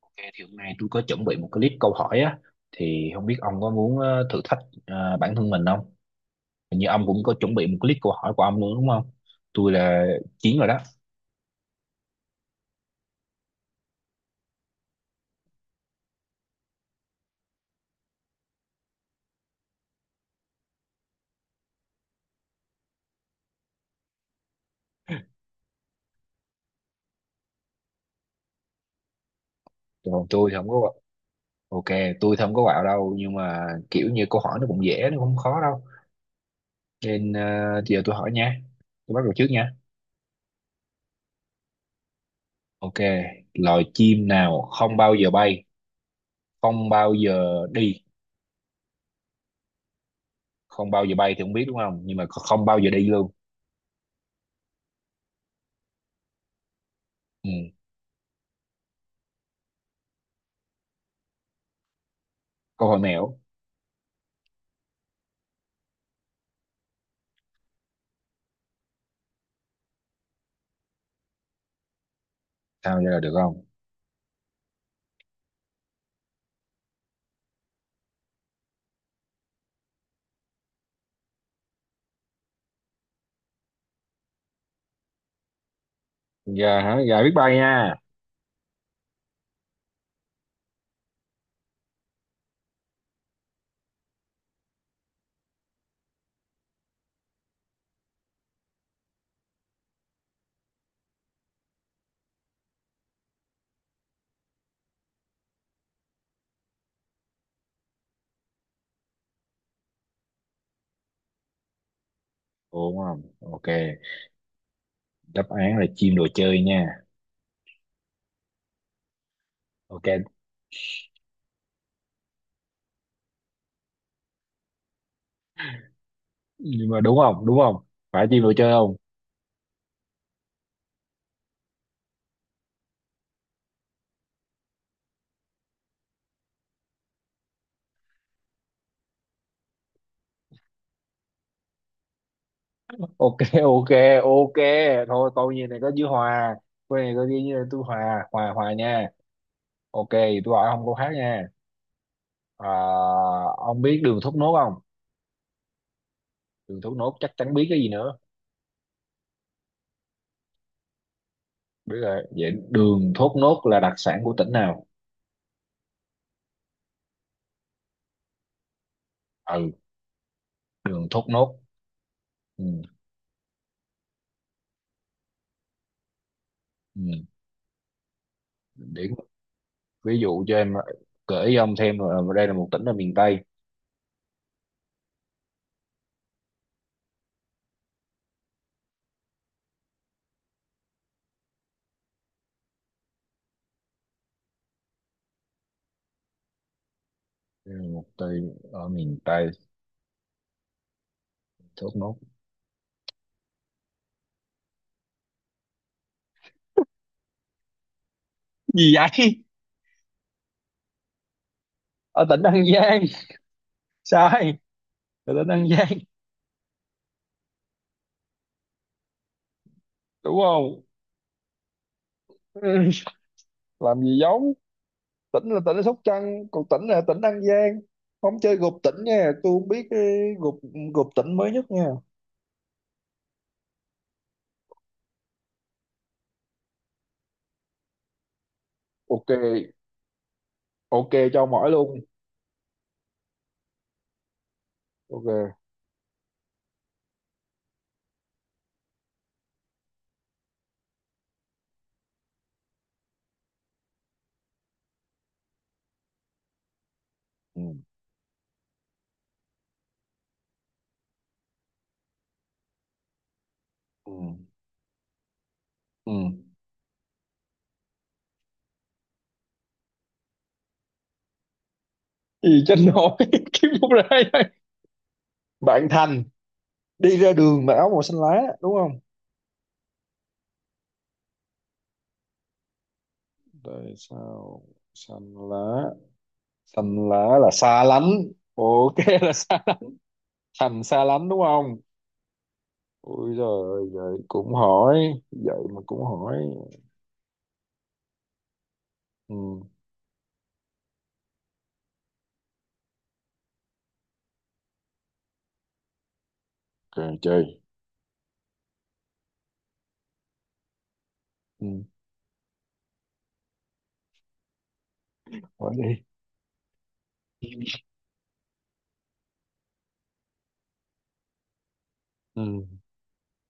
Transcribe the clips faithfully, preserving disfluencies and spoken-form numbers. Ok, thì hôm nay tôi có chuẩn bị một cái list câu hỏi á, thì không biết ông có muốn ờ, thử thách ờ, bản thân mình không? Hình như ông cũng có chuẩn bị một cái list câu hỏi của ông luôn, đúng không? Tôi là Chiến rồi đó, còn tôi thì không có. Ok, tôi thì không có quạo đâu, nhưng mà kiểu như câu hỏi nó cũng dễ, nó cũng không khó đâu. Nên ờ, giờ tôi hỏi nha. Tôi bắt đầu trước nha. Ok, loài chim nào không bao giờ bay, không bao giờ đi, không bao giờ bay thì không biết đúng không? Nhưng mà không bao giờ đi luôn. Ừ. Câu hỏi mẹo, sao trả lời được không? Gà hả? Gà biết bay nha. Ủa, đúng không? Ok, đáp án là chim đồ chơi nha. Ok, nhưng mà đúng không, đúng không? Phải chim đồ chơi không? Ok ok. Ok, thôi câu như này có chữ hòa. Câu này có chữ như tôi, hòa hòa hòa nha. Ok, tôi hỏi ông câu khác nha. À, ông biết đường thốt nốt không? Đường thốt nốt chắc chắn biết, cái gì nữa? Biết rồi, vậy đường thốt nốt là đặc sản của tỉnh nào? Ừ, đường thốt nốt. Ừ, ừ. Để ví dụ cho em gửi ông thêm là đây là một tỉnh ở miền Tây. Đây là một tỉnh ở miền Tây. Thốt nốt. Gì vậy? Ở tỉnh An Giang. Sai, ở tỉnh An Giang. Đúng không? Ừ, làm gì giống. Tỉnh là tỉnh ở Sóc Trăng, còn tỉnh là tỉnh An Giang. Không chơi gộp tỉnh nha, tôi không biết cái gộp. Gộp tỉnh mới nhất nha. Ok, ok, cho mỏi luôn. Ok. Ừ. Ừ. Ừ. Gì cho nổi? Kiếm một ra đây. Bạn Thành đi ra đường mặc áo màu xanh lá, đúng không? Đây sao? Xanh lá, xanh lá là xa lánh. Ok là xa lánh. Thành xa lánh, đúng không? Ui giời, vậy cũng hỏi, vậy mà cũng hỏi. Ừ. Ok, chơi. Ừ. Hỏi đi. Ừ.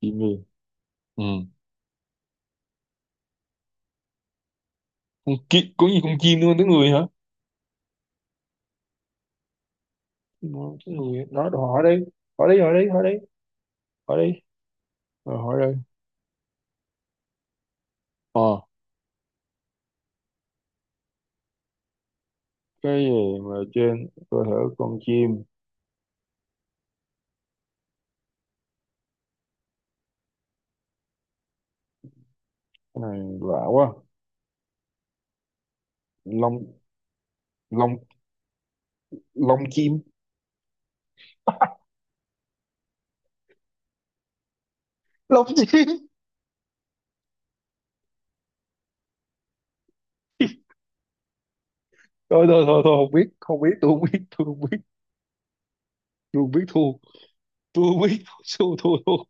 Chim đi. Ừ. Con chim có gì? Con chim luôn tới người hả? Nói tới người á. Nói đồ, hỏi đi. Hỏi đi, hỏi đi, hỏi đi. Hỏi đi, rồi hỏi đi. Ờ, cái gì mà trên cơ thể con chim? Cái này lạ quá. Lông. Lông. Lông chim. Lông chim. Thôi thôi thôi thôi không biết, không biết, tôi không biết tôi không biết tôi không biết, thua. Tôi không biết thua thua thua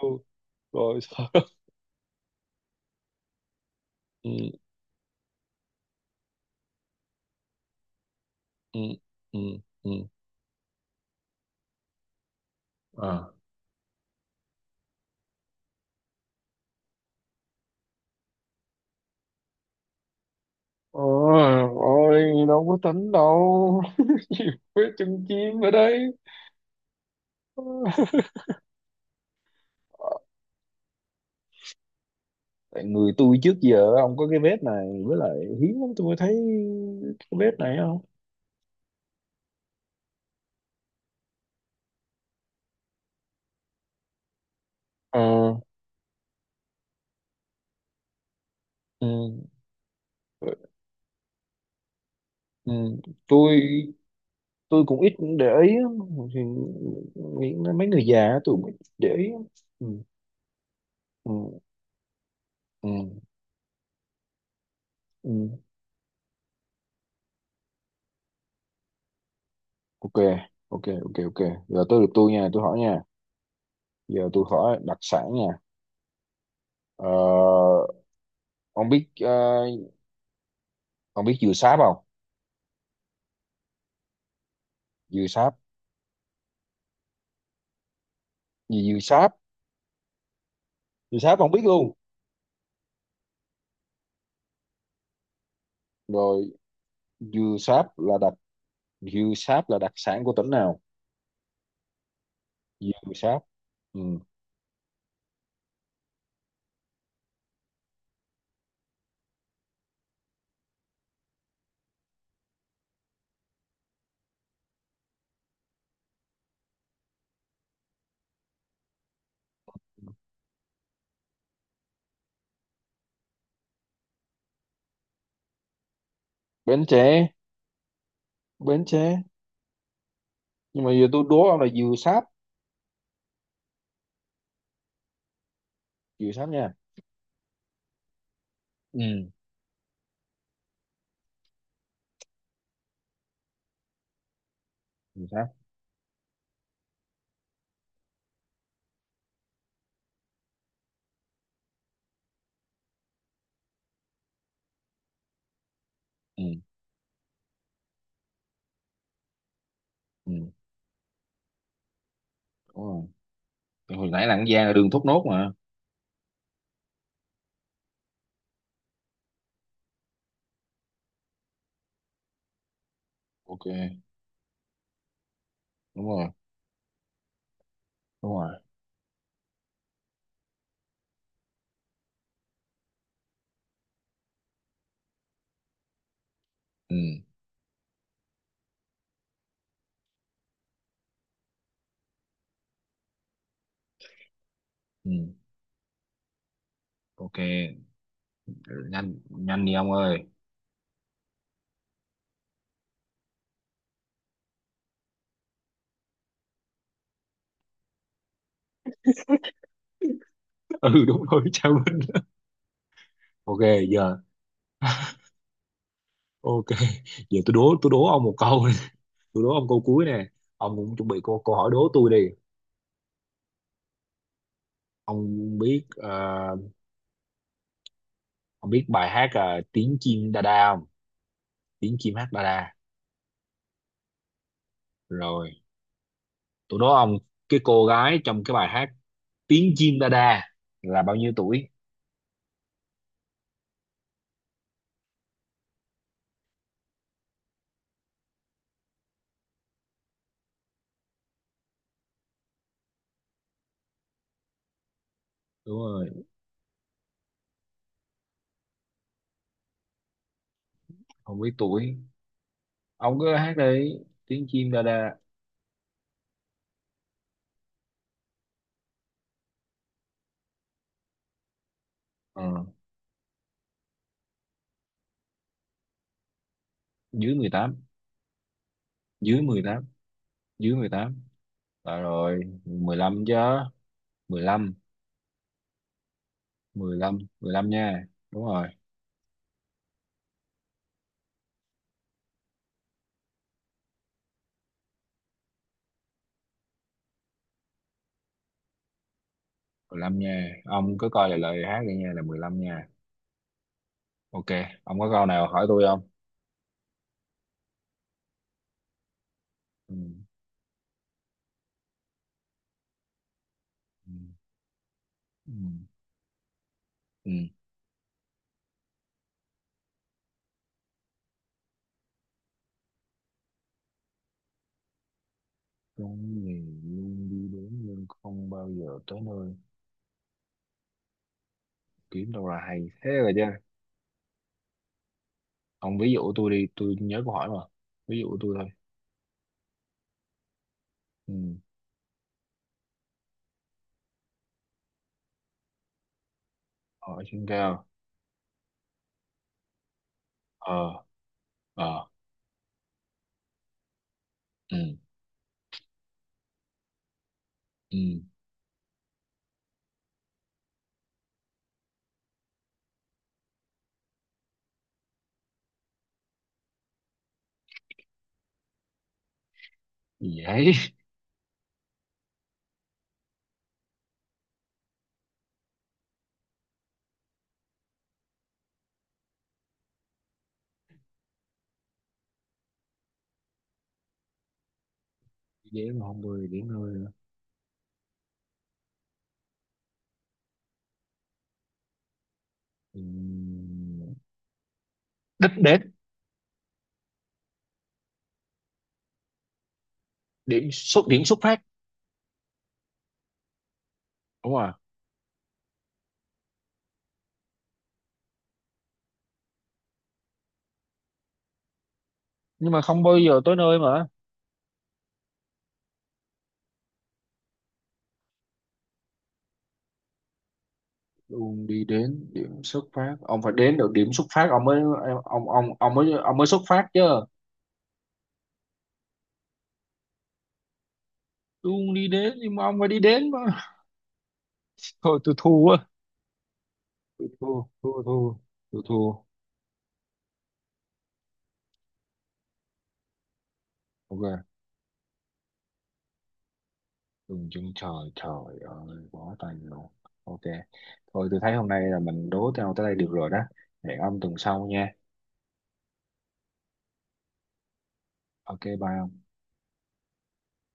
Thua rồi sao? Ừ. Ừ. Ừ. Ừ. À. Ôi. Ôi, đâu có tính đâu nhiều vết chân chim ở đây. Tại người tôi trước giờ ông có cái vết này với lại hiếm lắm tôi mới thấy cái vết này không. Ờ. Ừ. Ừ. tôi tôi cũng ít để ý á. Thì nghĩ mấy người già á, tôi cũng ít để ý á. Ừ, ừ, ừ, ừ. Ok, ok, ok, ok. Giờ tôi được tôi nha, tôi hỏi nha. Giờ tôi hỏi đặc sản nha. ờ, ông biết ờ, ông biết dừa sáp không? Dừa sáp. Gì, dừa sáp? Dừa sáp ông biết luôn. Rồi, dừa sáp là đặc, dừa sáp là đặc sản của tỉnh nào? Dừa sáp. Ừ. Bến Tre. Bến Tre. Nhưng mà giờ tôi đố ông là dừa sáp, dừa sáp nha. Ừ. Dừa sáp. Ừ. Ừ, đúng rồi. Thì hồi nãy là ăn gian là đường thốt nốt mà. Ok. Đúng rồi, đúng rồi. Ừ. Ừ. Ok, nhanh nhanh đi ông ơi. Ừ, đúng rồi chào Vinh. Ok, giờ. Ok, giờ tôi đố, tôi đố ông một câu. Tôi đố ông câu cuối nè. Ông cũng chuẩn bị câu câu hỏi đố tôi đi. Ông biết ờ, ông biết bài hát ờ, tiếng chim đa đa không? Tiếng chim hát đa đa. Rồi, tôi đố ông, cái cô gái trong cái bài hát tiếng chim đa đa là bao nhiêu tuổi? Đúng rồi. Không biết tuổi. Ông cứ hát đi tiếng chim đa đa. ờ, Dưới mười tám. Dưới mười tám. Dưới mười tám. Ờ rồi rồi, mười lăm chứ. Mười lăm. Mười lăm, mười lăm nha. Đúng rồi. Mười lăm nha, ông cứ coi lại lời hát đi nha, là mười lăm nha. Ok, ông có câu nào hỏi tôi không? Ừ. Ừ. Ừ. Ừ. Trong nghề, luôn đi đến nhưng không bao giờ tới nơi, kiếm đâu là hay thế rồi chứ? Ông ví dụ tôi đi, tôi nhớ câu hỏi mà. Ví dụ tôi thôi. Ừ. Hỏi trên cao. Ờ. Ờ. Ừ. Ừ vậy. Chỉ điểm mà không mười điểm thôi nữa. Ừ. Đích đến. Điểm xuất, điểm xuất phát. Đúng rồi. Nhưng mà không bao giờ tới nơi mà. Luôn đi đến điểm xuất phát, ông phải đến được điểm xuất phát ông mới, ông ông ông mới, ông mới xuất phát chứ. Luôn đi đến, nhưng mà ông phải đi đến mà. Thôi tôi thua á. Tôi thua, thua, thua. Tôi thua. Ok, đừng chân trời, trời ơi, bó tay luôn. Ok, thôi tôi thấy hôm nay là mình đố nhau tới đây được rồi đó. Hẹn ông tuần sau nha. Ok, bye.